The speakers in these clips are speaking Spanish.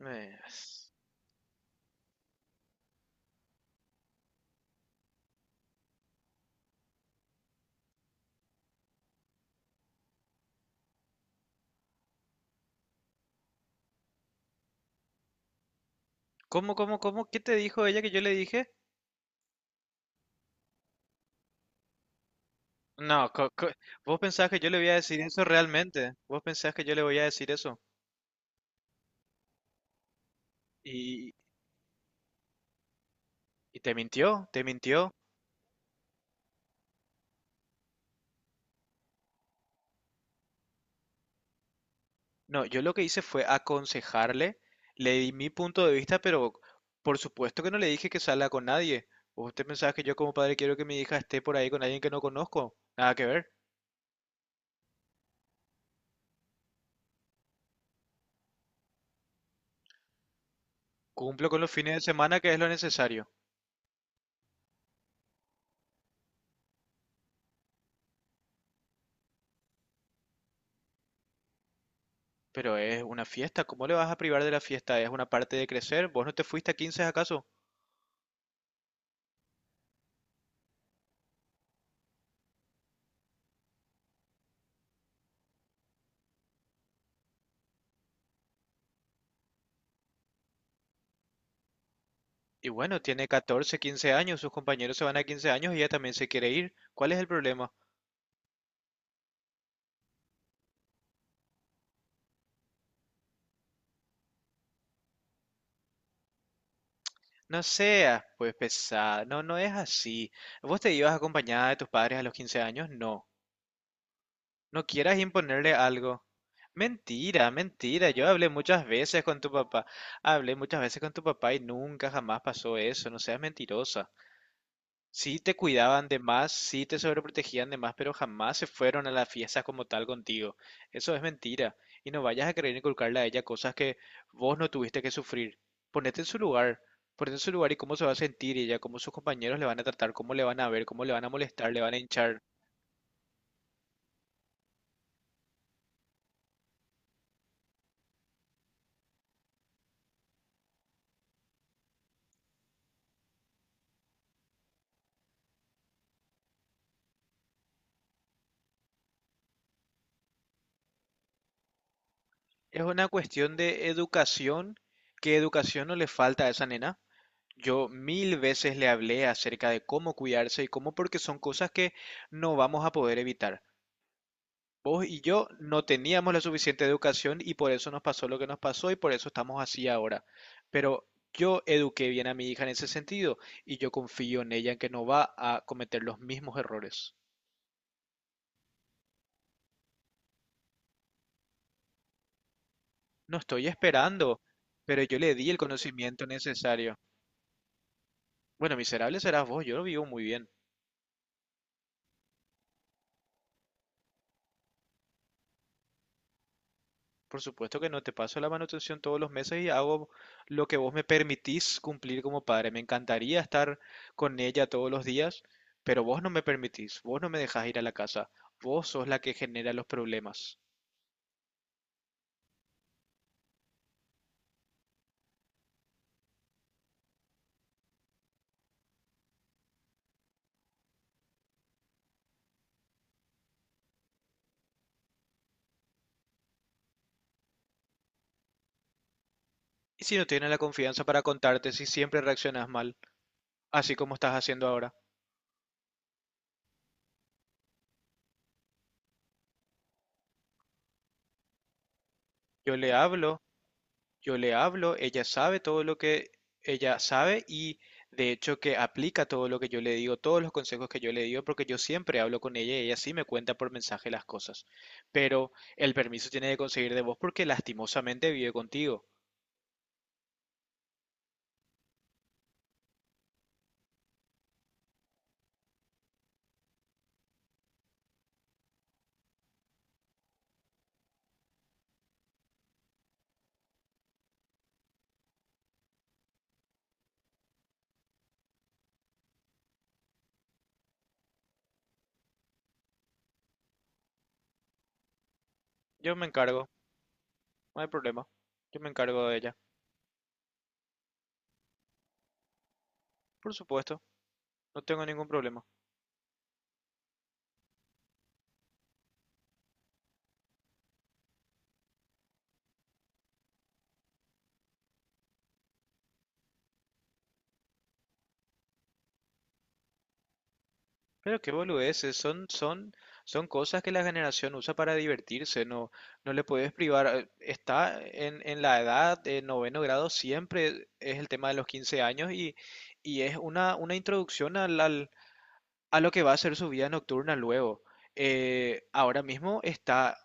Eh, ¿Cómo, cómo, cómo? ¿Qué te dijo ella que yo le dije? No, vos pensás que yo le voy a decir eso realmente. Vos pensás que yo le voy a decir eso. Y, y te mintió, te mintió. No, yo lo que hice fue aconsejarle, le di mi punto de vista, pero por supuesto que no le dije que salga con nadie. ¿Usted pensás que yo como padre quiero que mi hija esté por ahí con alguien que no conozco? Nada que ver. Cumplo con los fines de semana, que es lo necesario. Pero es una fiesta, ¿cómo le vas a privar de la fiesta? Es una parte de crecer. ¿Vos no te fuiste a 15, acaso? Y bueno, tiene 14, 15 años, sus compañeros se van a 15 años y ella también se quiere ir. ¿Cuál es el problema? No seas, pues, pesada. No, no es así. ¿Vos te ibas acompañada de tus padres a los 15 años? No. No quieras imponerle algo. Mentira, mentira. Yo hablé muchas veces con tu papá. Hablé muchas veces con tu papá y nunca jamás pasó eso. No seas mentirosa. Sí te cuidaban de más, sí te sobreprotegían de más, pero jamás se fueron a las fiestas como tal contigo. Eso es mentira. Y no vayas a querer inculcarle a ella cosas que vos no tuviste que sufrir. Ponete en su lugar, ponete en su lugar y cómo se va a sentir ella, cómo sus compañeros le van a tratar, cómo le van a ver, cómo le van a molestar, le van a hinchar. Es una cuestión de educación. ¿Qué educación no le falta a esa nena? Yo mil veces le hablé acerca de cómo cuidarse y cómo porque son cosas que no vamos a poder evitar. Vos y yo no teníamos la suficiente educación y por eso nos pasó lo que nos pasó y por eso estamos así ahora. Pero yo eduqué bien a mi hija en ese sentido y yo confío en ella en que no va a cometer los mismos errores. No estoy esperando, pero yo le di el conocimiento necesario. Bueno, miserable serás vos, yo lo vivo muy bien. Por supuesto que no, te paso la manutención todos los meses y hago lo que vos me permitís cumplir como padre. Me encantaría estar con ella todos los días, pero vos no me permitís, vos no me dejás ir a la casa, vos sos la que genera los problemas. Y si no tienes la confianza para contarte si siempre reaccionas mal, así como estás haciendo ahora, yo le hablo. Yo le hablo, ella sabe todo lo que ella sabe y de hecho que aplica todo lo que yo le digo, todos los consejos que yo le digo, porque yo siempre hablo con ella y ella sí me cuenta por mensaje las cosas. Pero el permiso tiene que conseguir de vos porque lastimosamente vive contigo. Yo me encargo, no hay problema. Yo me encargo de ella. Por supuesto, no tengo ningún problema. Pero qué boludeces, son cosas que la generación usa para divertirse, no, no le puedes privar. Está en la edad de noveno grado, siempre es el tema de los 15 años y es una introducción a lo que va a ser su vida nocturna luego. Ahora mismo está,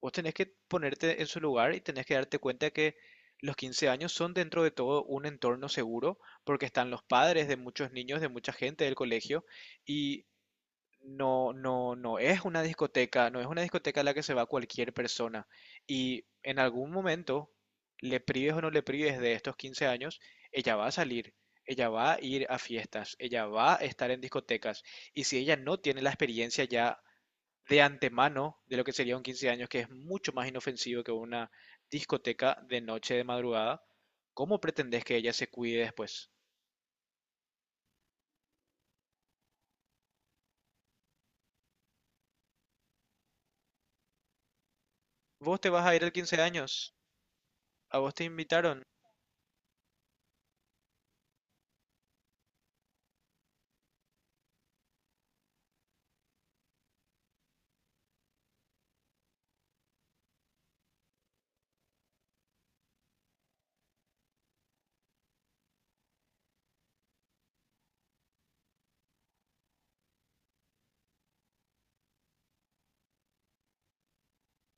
vos tenés que ponerte en su lugar y tenés que darte cuenta que los 15 años son dentro de todo un entorno seguro, porque están los padres de muchos niños, de mucha gente del colegio. Y no, no, no es una discoteca, no es una discoteca a la que se va cualquier persona. Y en algún momento, le prives o no le prives de estos 15 años, ella va a salir, ella va a ir a fiestas, ella va a estar en discotecas. Y si ella no tiene la experiencia ya de antemano de lo que sería un 15 años, que es mucho más inofensivo que una discoteca de noche de madrugada, ¿cómo pretendés que ella se cuide después? Vos te vas a ir al 15 años, a vos te invitaron.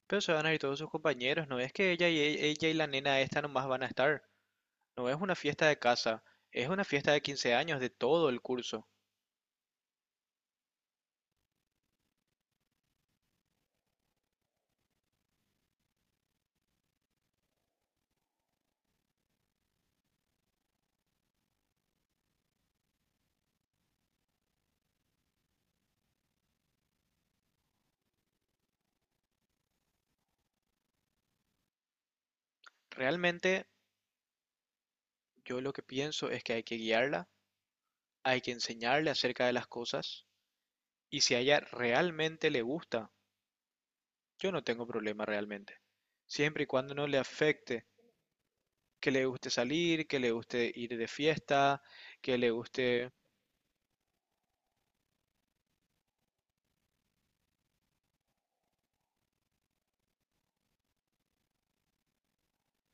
Pero se van a ir todos sus compañeros, ¿no ves que ella y ella y la nena esta nomás van a estar? No es una fiesta de casa, es una fiesta de 15 años de todo el curso. Realmente yo lo que pienso es que hay que guiarla, hay que enseñarle acerca de las cosas y si a ella realmente le gusta, yo no tengo problema realmente. Siempre y cuando no le afecte, que le guste salir, que le guste ir de fiesta, que le guste...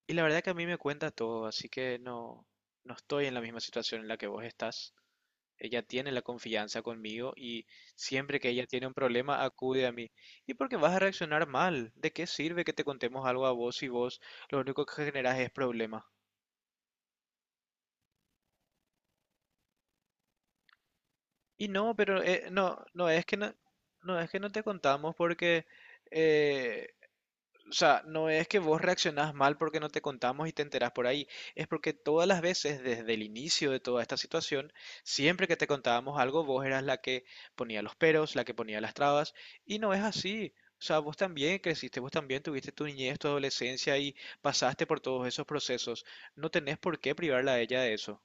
Y la verdad que a mí me cuenta todo, así que no, no estoy en la misma situación en la que vos estás. Ella tiene la confianza conmigo y siempre que ella tiene un problema acude a mí. ¿Y por qué vas a reaccionar mal? ¿De qué sirve que te contemos algo a vos si vos lo único que generas es problema? Y no, pero no, no es que no te contamos porque eh, o sea, no es que vos reaccionás mal porque no te contamos y te enterás por ahí, es porque todas las veces desde el inicio de toda esta situación, siempre que te contábamos algo, vos eras la que ponía los peros, la que ponía las trabas, y no es así. O sea, vos también creciste, vos también tuviste tu niñez, tu adolescencia y pasaste por todos esos procesos. No tenés por qué privarla a ella de eso.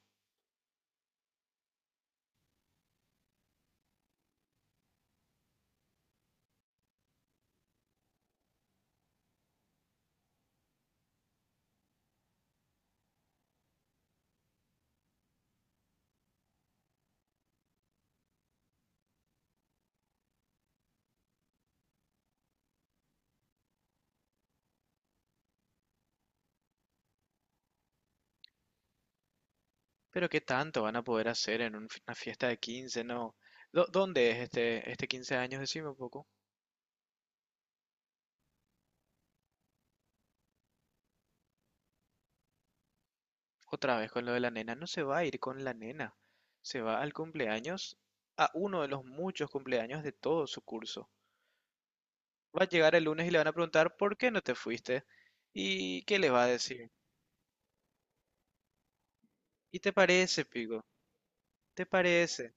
Pero ¿qué tanto van a poder hacer en una fiesta de 15? No. ¿Dónde es este, este 15 años? Decime un poco. Otra vez con lo de la nena, no se va a ir con la nena, se va al cumpleaños, a uno de los muchos cumpleaños de todo su curso. Va a llegar el lunes y le van a preguntar ¿por qué no te fuiste? ¿Y qué le va a decir? ¿Y te parece, Pico? ¿Te parece?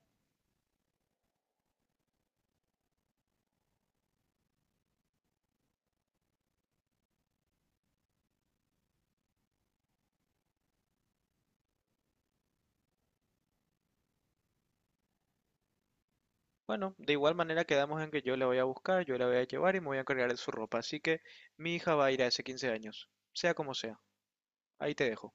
Bueno, de igual manera quedamos en que yo la voy a buscar, yo la voy a llevar y me voy a encargar de su ropa, así que mi hija va a ir a ese 15 años, sea como sea. Ahí te dejo.